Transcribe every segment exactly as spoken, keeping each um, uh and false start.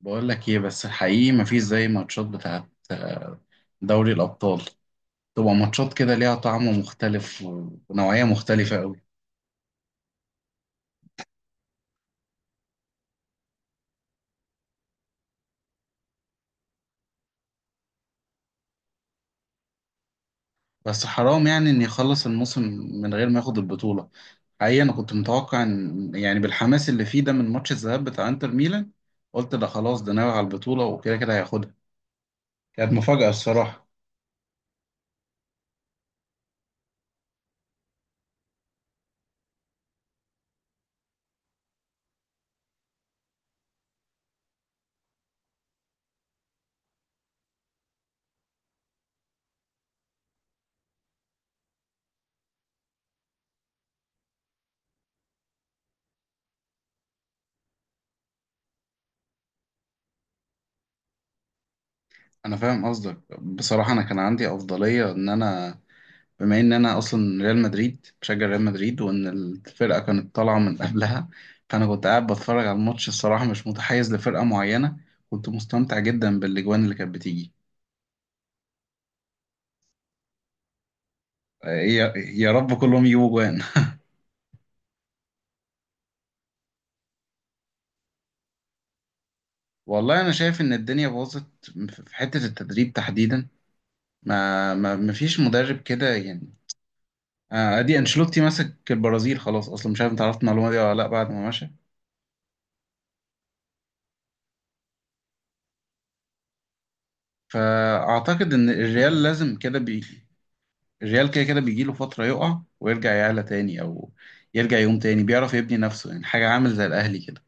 بقول لك ايه؟ بس الحقيقي مفيش زي ماتشات بتاعت آه، دوري الأبطال. تبقى ماتشات كده ليها طعم مختلف و- ونوعية مختلفة قوي. بس حرام يعني إن يخلص الموسم من غير ما ياخد البطولة. حقيقي أنا كنت متوقع إن يعني بالحماس اللي فيه ده من ماتش الذهاب بتاع إنتر ميلان، قلت ده خلاص، ده ناوي على البطولة وكده كده هياخدها. كانت مفاجأة الصراحة. أنا فاهم قصدك. بصراحة أنا كان عندي أفضلية، إن أنا بما ان انا اصلا ريال مدريد، بشجع ريال مدريد، وان الفرقه كانت طالعه من قبلها، فانا كنت قاعد بتفرج على الماتش. الصراحه مش متحيز لفرقه معينه، كنت مستمتع جدا بالاجوان اللي كانت بتيجي. آه، يا يا رب كلهم يجيبوا جوان. والله انا شايف ان الدنيا باظت في حته التدريب تحديدا. ما ما ما فيش مدرب كده يعني. آه، ادي انشيلوتي ماسك البرازيل خلاص، اصلا مش عارف انت عرفت المعلومه دي ولا لا، بعد ما مشى. فاعتقد ان الريال لازم كده بي الريال كده كده بيجيله فترة يقع ويرجع يعلى تاني، أو يرجع يقوم تاني، بيعرف يبني نفسه يعني. حاجة عامل زي الأهلي كده.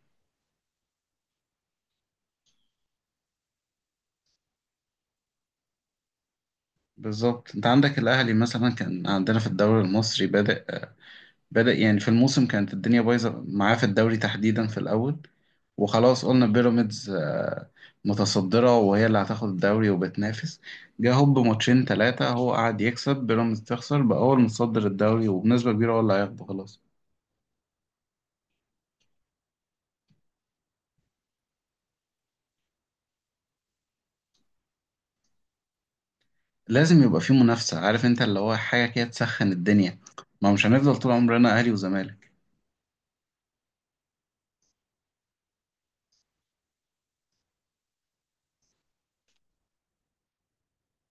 بالظبط. أنت عندك الأهلي مثلا، كان عندنا في الدوري المصري، بدأ بدأ يعني في الموسم كانت الدنيا بايظة معاه في الدوري تحديدا في الأول، وخلاص قلنا بيراميدز آه، متصدرة وهي اللي هتاخد الدوري وبتنافس. جه هوب ماتشين تلاتة هو قعد يكسب، بيراميدز تخسر، بقى هو المتصدر الدوري وبنسبة كبيرة هو اللي هياخده خلاص. لازم يبقى في منافسة، عارف انت، اللي هو حاجة كده تسخن الدنيا. ما مش هنفضل طول عمرنا اهلي وزمالك.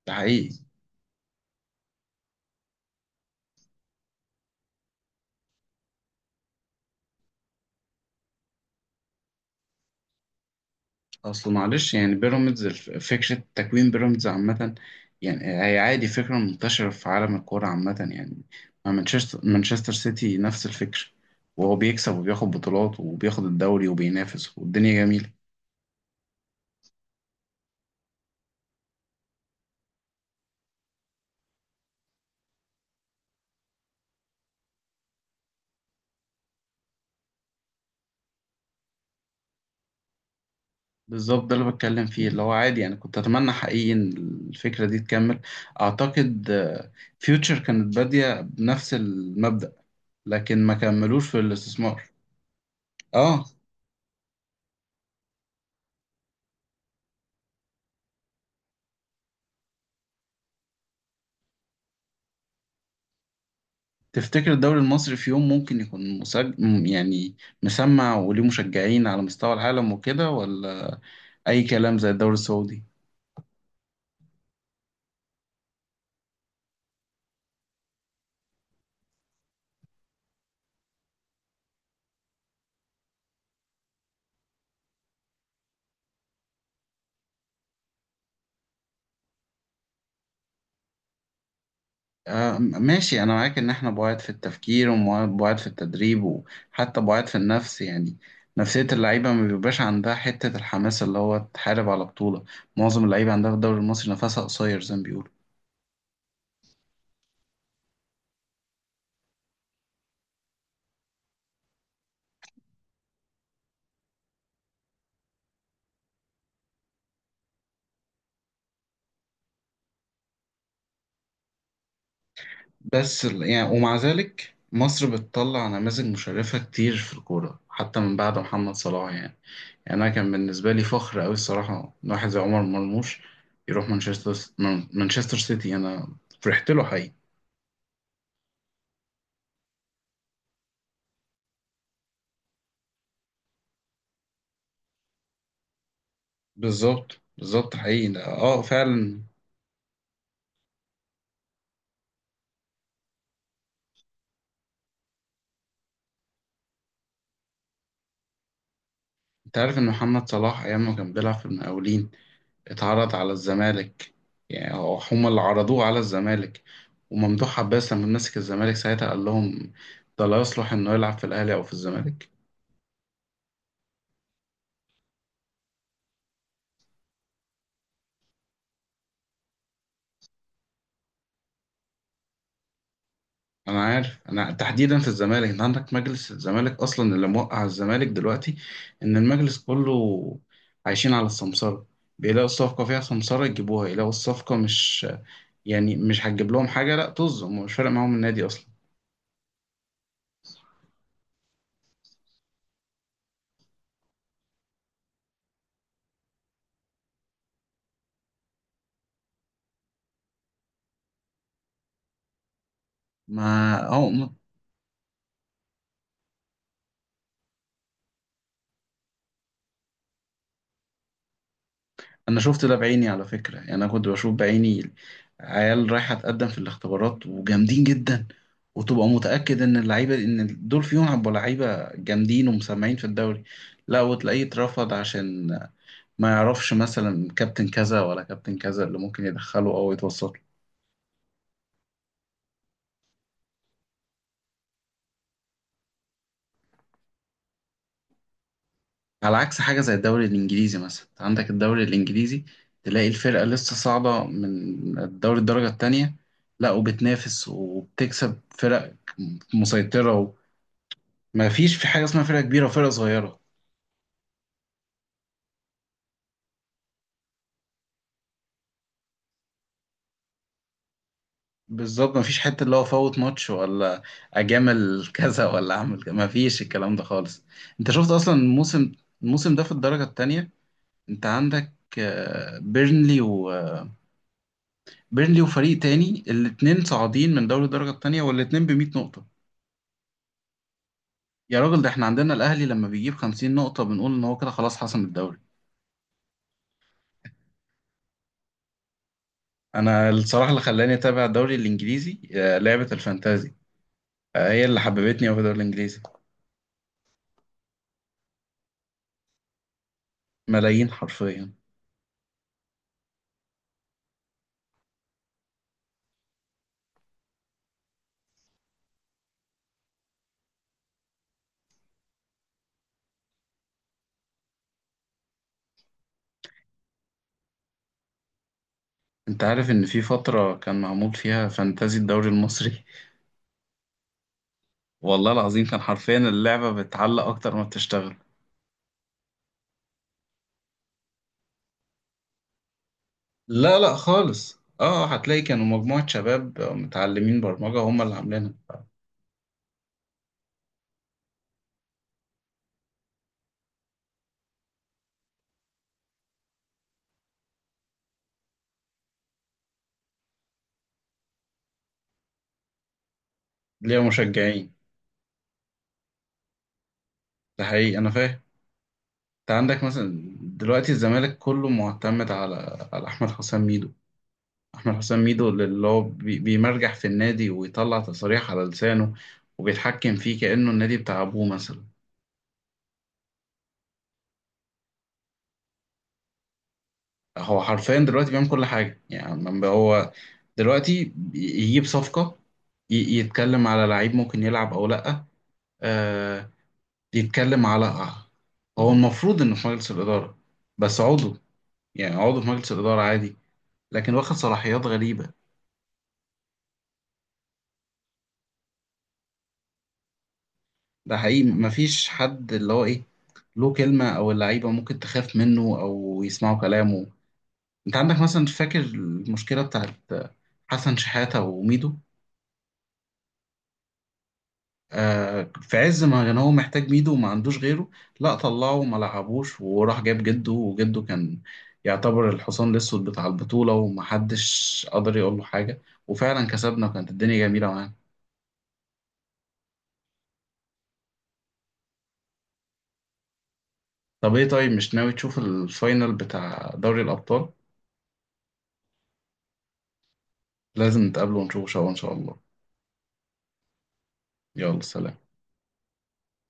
ده حقيقي. اصل معلش يعني بيراميدز الف- فكرة تكوين بيراميدز عامة يعني، هي عادي فكرة منتشرة في عالم الكورة عامة يعني. مع مانشستر مانشستر سيتي نفس الفكرة، وهو بيكسب وبياخد بطولات وبياخد الدوري وبينافس والدنيا جميلة. بالظبط ده اللي بتكلم فيه، اللي هو عادي يعني. كنت أتمنى حقيقي إن الفكرة دي تكمل. أعتقد فيوتشر كانت بادية بنفس المبدأ، لكن ما كملوش في الاستثمار. اه. تفتكر الدوري المصري في يوم ممكن يكون مسج... م- يعني مسمع، وليه مشجعين على مستوى العالم وكده؟ ولا اي كلام زي الدوري السعودي؟ آه م- ماشي، انا معاك ان احنا بعاد في التفكير وبعاد في التدريب وحتى بعاد في النفس يعني. نفسية اللعيبة ما بيبقاش عندها حتة الحماس اللي هو تحارب على بطولة. معظم اللعيبة عندها في الدوري المصري نفسها قصير زي ما بيقولوا. بس ال- يعني ومع ذلك مصر بتطلع نماذج مشرفة كتير في الكورة، حتى من بعد محمد صلاح يعني. يعني أنا كان بالنسبة لي فخر أوي الصراحة إن واحد زي عمر مرموش يروح مانشستر، مان- مانشستر سيتي. أنا فرحت له حقيقي. بالظبط بالظبط، حقيقي ده اه فعلا. انت عارف ان محمد صلاح ايام ما كان بيلعب في المقاولين اتعرض على الزمالك. يعني هو- هما اللي عرضوه على الزمالك، وممدوح عباس لما مسك الزمالك ساعتها قال لهم ده لا يصلح انه يلعب في الاهلي او في الزمالك. انا عارف. انا تحديدا في الزمالك، انت عندك مجلس الزمالك اصلا اللي موقع الزمالك دلوقتي، ان المجلس كله عايشين على السمسرة. بيلاقوا الصفقة فيها سمسرة يجيبوها، يلاقوا الصفقة مش يعني مش هتجيب لهم حاجة، لا طز، هم مش فارق معاهم النادي اصلا. ما هو م- انا شفت ده بعيني على فكرة يعني. انا كنت بشوف بعيني عيال رايحة تقدم في الاختبارات وجامدين جدا، وتبقى متأكد ان اللعيبة ان دول فيهم هيبقوا لعيبة جامدين ومسمعين في الدوري. لا وتلاقيه اترفض عشان ما يعرفش مثلا كابتن كذا ولا كابتن كذا، اللي ممكن يدخله او يتوسط له. على عكس حاجه زي الدوري الانجليزي مثلا، أنت عندك الدوري الانجليزي تلاقي الفرقه لسه صاعده من الدوري الدرجه التانية، لا وبتنافس وبتكسب فرق مسيطره. وما فيش في حاجه اسمها فرقه كبيره وفرقه صغيره. بالظبط ما فيش حته اللي هو فوت ماتش ولا اجامل كذا ولا اعمل كذا، ما فيش الكلام ده خالص. انت شفت اصلا الموسم، الموسم ده في الدرجه التانية، انت عندك آه، بيرنلي و بيرلي وفريق تاني، الاتنين صاعدين من دوري الدرجة التانية والاتنين بمية نقطة. يا راجل، ده احنا عندنا الأهلي لما بيجيب خمسين نقطة بنقول إن هو كده خلاص حسم الدوري. أنا الصراحة اللي خلاني أتابع الدوري الإنجليزي آه، لعبة الفانتازي. آه، هي اللي حببتني أوي في الدوري الإنجليزي. ملايين حرفيا. أنت عارف إن في فترة كان معمول فيها فانتازي الدوري المصري؟ والله العظيم كان حرفيا اللعبة بتعلق أكتر ما بتشتغل. لا لا خالص، اه هتلاقي كانوا مجموعة شباب متعلمين برمجة هم اللي عاملينها. ليها مشجعين ده حقيقي انا فاهم. انت عندك مثلا دلوقتي الزمالك كله معتمد على على احمد حسام ميدو. احمد حسام ميدو اللي هو بي- بيمرجح في النادي ويطلع تصاريح على لسانه، وبيتحكم فيه كأنه النادي بتاع ابوه مثلا. هو حرفيا دلوقتي بيعمل كل حاجة يعني. لما هو دلوقتي بي- يجيب صفقة، ي- يتكلم على لعيب ممكن يلعب او لا، آه يتكلم على... هو المفروض انه في مجلس الإدارة بس عضو يعني، عضو في مجلس الإدارة عادي، لكن واخد صلاحيات غريبة. ده حقيقي. مفيش حد اللي هو ايه، له كلمة، او اللعيبة ممكن تخاف منه او يسمعوا كلامه. انت عندك مثلا، فاكر المشكلة بتاعت حسن شحاتة وميدو؟ آه في عز ما كان هو محتاج ميدو وما عندوش غيره، لا طلعه وما لعبوش، وراح جاب جده، وجده كان يعتبر الحصان الاسود بتاع البطولة ومحدش قدر يقول له حاجة، وفعلا كسبنا وكانت الدنيا جميلة معانا. طب ايه؟ طيب مش ناوي تشوف الفاينل بتاع دوري الأبطال؟ لازم نتقابله ونشوفه سوا ان شاء الله. يلا سلام.